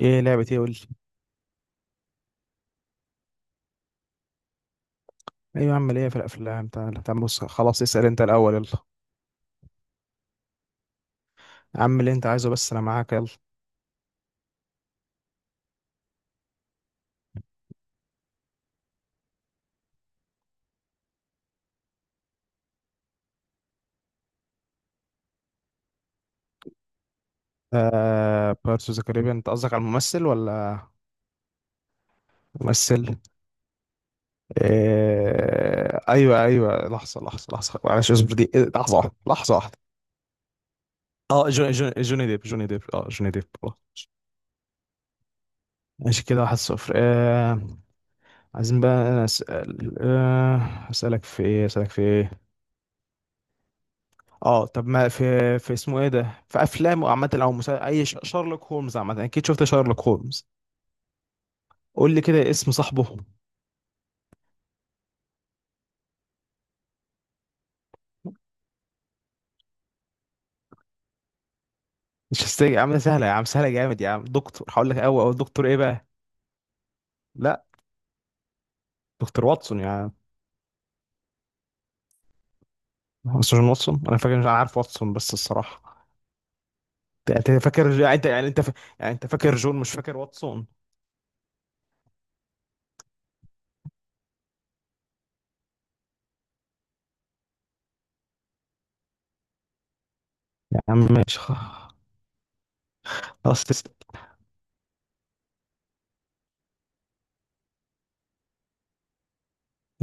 ايه لعبة ايه؟ قول لي. ايوه يا عم، ليه؟ في الافلام تعالى تعالى بص، خلاص اسأل انت الاول يلا. يا عم اللي انت عايزه، بس انا معاك يلا. بيرتس اوف ذا كاريبيان، انت قصدك على الممثل ولا ممثل؟ ايوه ايوه، لحظة لحظة لحظة معلش اصبر، دي إيه، لحظة واحدة لحظة واحدة. اه جوني ديب جوني ديب، اه جوني ديب خلاص. ماشي كده، واحد صفر عايزين بقى انا اسال اسالك في ايه. اه طب ما في، في اسمه ايه ده، في افلام عامه او شارلوك هولمز عامه، اكيد شفت شارلوك هولمز. قول لي كده اسم صاحبه. مش هستني يا عم، سهله يا عم، سهله جامد يا عم. دكتور هقول لك اول او دكتور ايه بقى؟ لا دكتور واتسون يا عم. هو سيرجن واتسون انا فاكر، مش عارف واتسون بس الصراحه. انت فاكر، يعني انت فاكر جون مش فاكر واتسون. يا عم ماشي، خلاص تسلم.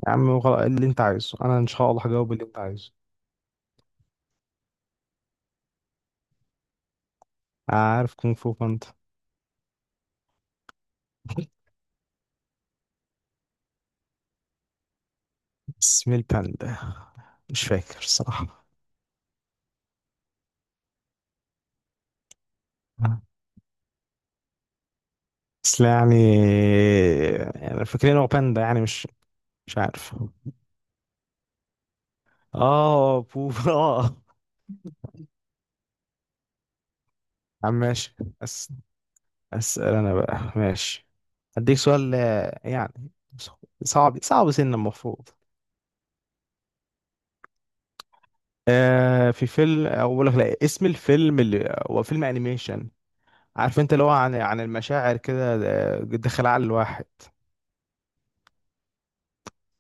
يا عم اللي انت عايزه انا ان شاء الله هجاوب اللي انت عايزه. عارف كونغ فو باندا. اسم الباندا. مش فاكر الصراحه. بس لا يعني، يعني فاكرين هو باندا يعني مش. مش عارف. اه بوف اه. عم ماشي. أس... اسأل انا بقى ماشي. هديك سؤال يعني صعب سنة المفروض. في فيلم اقول لك، لا اسم الفيلم اللي هو فيلم انيميشن. عارف انت اللي هو عن المشاعر كده داخل عقل الواحد.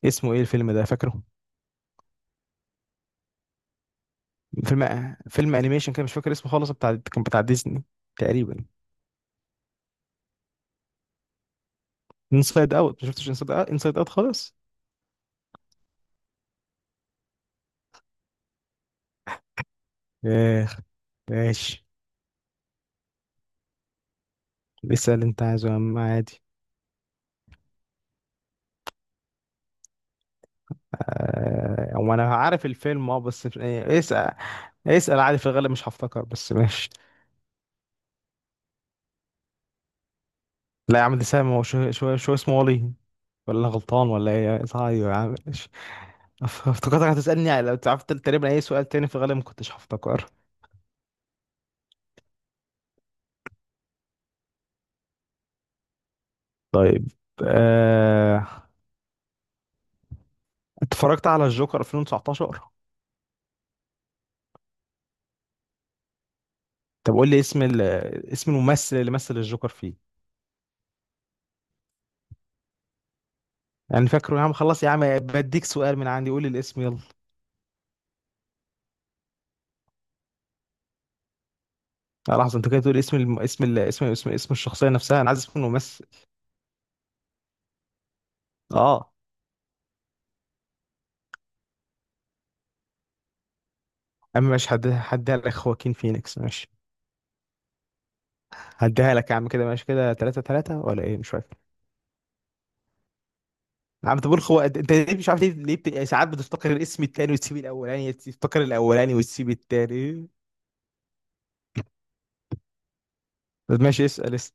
اسمه ايه الفيلم ده، فاكره؟ فيلم انيميشن كده، مش فاكر اسمه خالص، بتاع ديزني تقريبا. انسايد اوت، ما شفتش انسايد اوت؟ انسايد اوت خالص. ايه ماشي، اسأل انت عايزه يا عم عادي. هو انا عارف الفيلم اه، بس إيه، اسأل. اسأل عادي، في الغالب مش هفتكر بس ماشي. لا يا عم ده سهل، ما هو شو اسمه، ولي. ولا أنا غلطان ولا ايه؟ صحيح يا عم، ماشي. افتكرتك هتسألني لو تعرف، تقريبا اي سؤال تاني في الغالب ما كنتش هفتكر. طيب. آه، اتفرجت على الجوكر 2019؟ طب قول لي اسم الممثل اللي مثل الجوكر فيه. يعني فاكره يا عم، خلاص يا عم بديك سؤال من عندي، قول لي الاسم يلا. لحظه، انت كده تقول اسم الم... اسم ال... اسم اسم اسم الشخصيه نفسها، انا عايز اسم الممثل. اه اما مش هديها لك، خواكين فينيكس ماشي. هديها لك يا عم، كده ماشي كده، 3 3 ولا ايه؟ مش فاكر. يا عم تقول خو، انت ليه مش عارف؟ ليه يعني ساعات بتفتكر الاسم التاني وتسيب الاولاني، تفتكر الاولاني وتسيب التاني. طب ماشي اسال اسال.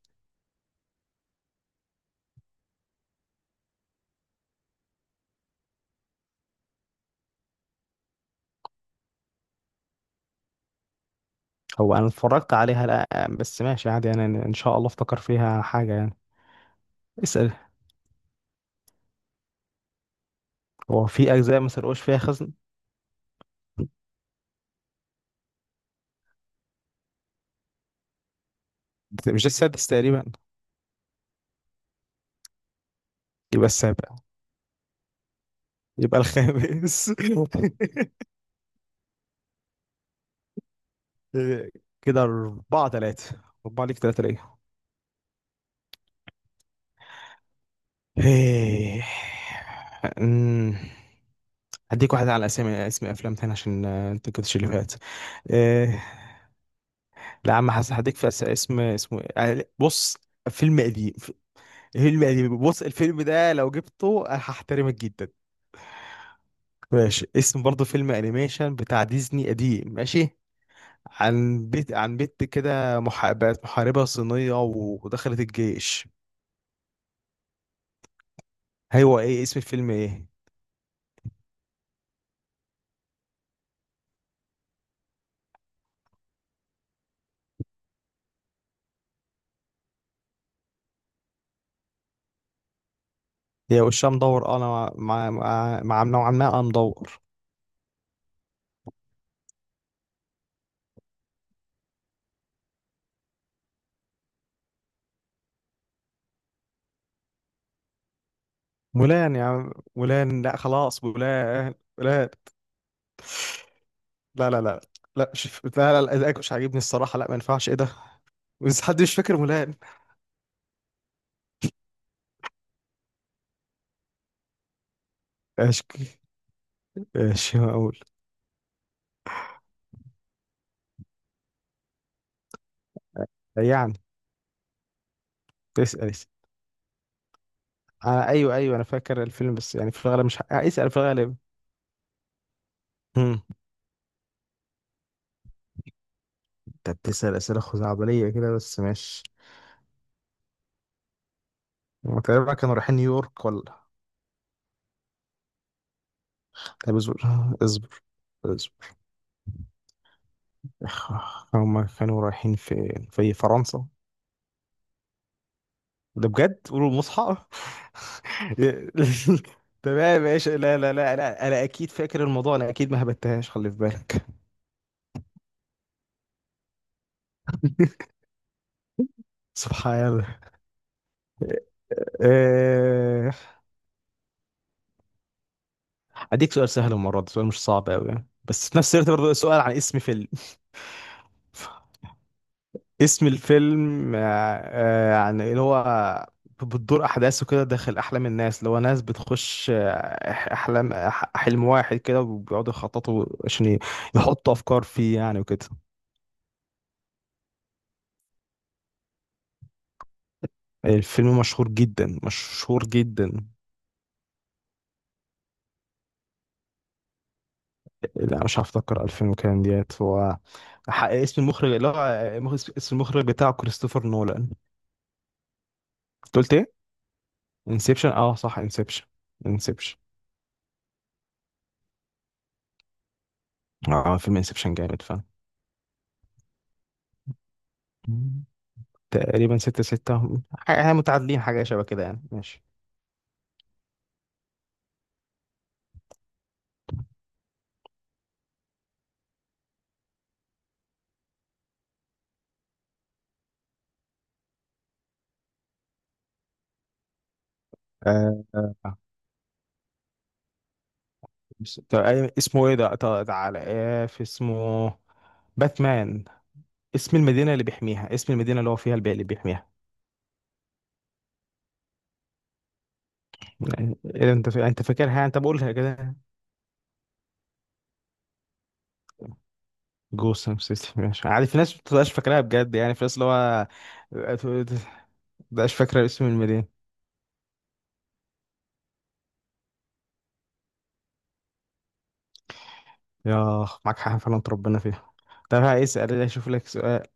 هو انا اتفرجت عليها لا، بس ماشي عادي يعني، انا ان شاء الله افتكر فيها حاجه يعني. اسال. هو في اجزاء ما سرقوش فيها خزن. مش ده السادس تقريبا؟ يبقى السابع. يبقى الخامس. كده أربعة تلاتة. أربعة ليك تلاتة ليا. إيه. أمم. هديك واحدة على اسامي، اسم أفلام تاني عشان أنت كنتش اللي فات. إيه. لا يا عم حسن، هديك في اسمه إيه؟ بص. فيلم قديم. فيلم قديم، بص الفيلم ده لو جبته هحترمك جدا. ماشي، اسم برضه فيلم أنيميشن بتاع ديزني قديم ماشي. عن بيت عن بنت كده، بقت محاربة صينية ودخلت الجيش. هو ايه اسم الفيلم ايه؟ هي وشها مدور انا. مع نوعا ما انا مدور. مولان يا عم، مولان، لا خلاص مولان مولان. لا لا لا لا، مش لا لا لا، إيدك مش عاجبني الصراحة، لا ما ينفعش ايه ده. بس حد مش فاكر مولان؟ ايش، ايش اقول؟ يعني اسأل اسأل. ايوه ايوه انا فاكر الفيلم، بس يعني في الغالب مش ه- آه، اسأل في الغالب. انت بتسأل أسئلة خزعبلية كده، بس ماشي. هما تقريبا كانوا رايحين نيويورك ولا؟ طب اصبر اصبر اصبر. هما كانوا رايحين في فرنسا. ده بجد قولوا المصحى. تمام ماشي، لا لا لا لا انا اكيد فاكر الموضوع، انا اكيد ما هبتهاش، خلي في بالك. سبحان الله. آه، اديك سؤال سهل المره دي، سؤال مش صعب قوي يعني. بس في نفس الوقت برضه سؤال عن اسم فيلم. اسم الفيلم يعني اللي هو بتدور احداثه كده داخل احلام الناس، اللي هو ناس بتخش احلام حلم واحد كده، وبيقعدوا يخططوا عشان يحطوا افكار فيه يعني وكده. الفيلم مشهور جدا، مشهور جدا. لا مش هفتكر 2000 وكام ديت هو. اسم المخرج اللي هو اسم المخرج بتاعه كريستوفر نولان. أنت قلت ايه؟ انسبشن، اه صح انسبشن انسبشن. اه فيلم انسبشن جامد. فعلا. تقريبا ستة ستة. احنا متعادلين، حاجة شبه كده يعني ماشي. آه. آه. طب اسمه ايه ده؟ طب تعالى، ايه في اسمه؟ باتمان. اسم المدينة اللي بيحميها، اسم المدينة اللي هو فيها البيئة اللي بيحميها. يعني إيه انت انت فاكرها، انت بقولها كده. جوسم سيتي، ماشي عادي في ناس ما بتبقاش فاكراها بجد، يعني في ناس اللي هو مبتبقاش فاكرة اسم المدينة. يا معاك حق، فعلا ربنا فيها. طب هسأل اشوف لك سؤال.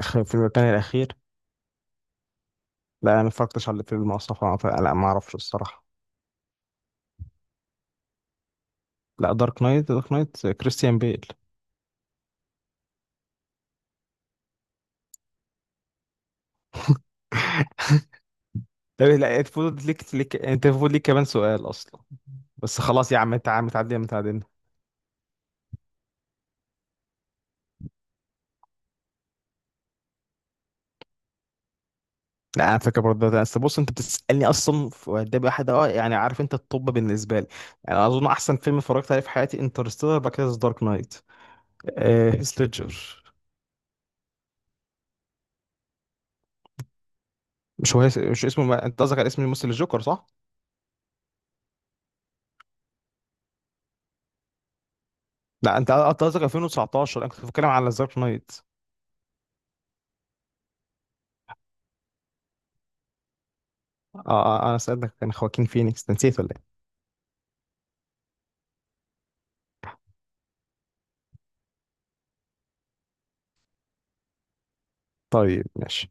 في المكان الأخير. لا انا ما اتفرجتش على الفيلم اصلا، فلا ما اعرفش الصراحه. لا دارك نايت، دارك نايت كريستيان بيل. طب لا المفروض ليك، ليك انت المفروض ليك كمان سؤال اصلا. بس خلاص يا عم، انت عم تعدي متعدين. لا انا فاكر برضه ده، بس بص انت بتسالني اصلا ده واحد اه يعني، عارف انت الطب بالنسبه لي. يعني اظن احسن فيلم اتفرجت عليه في حياتي انترستيلر، بعد كده دارك نايت. هيث ليدجر. مش هو هيث- مش اسمه ما... انت قصدك على اسم الممثل الجوكر صح؟ لا انت قصدك 2019، انا كنت بتكلم على دارك نايت. اه انا سألتك كان خواكين فينيكس، نسيت ولا ايه؟ طيب ماشي.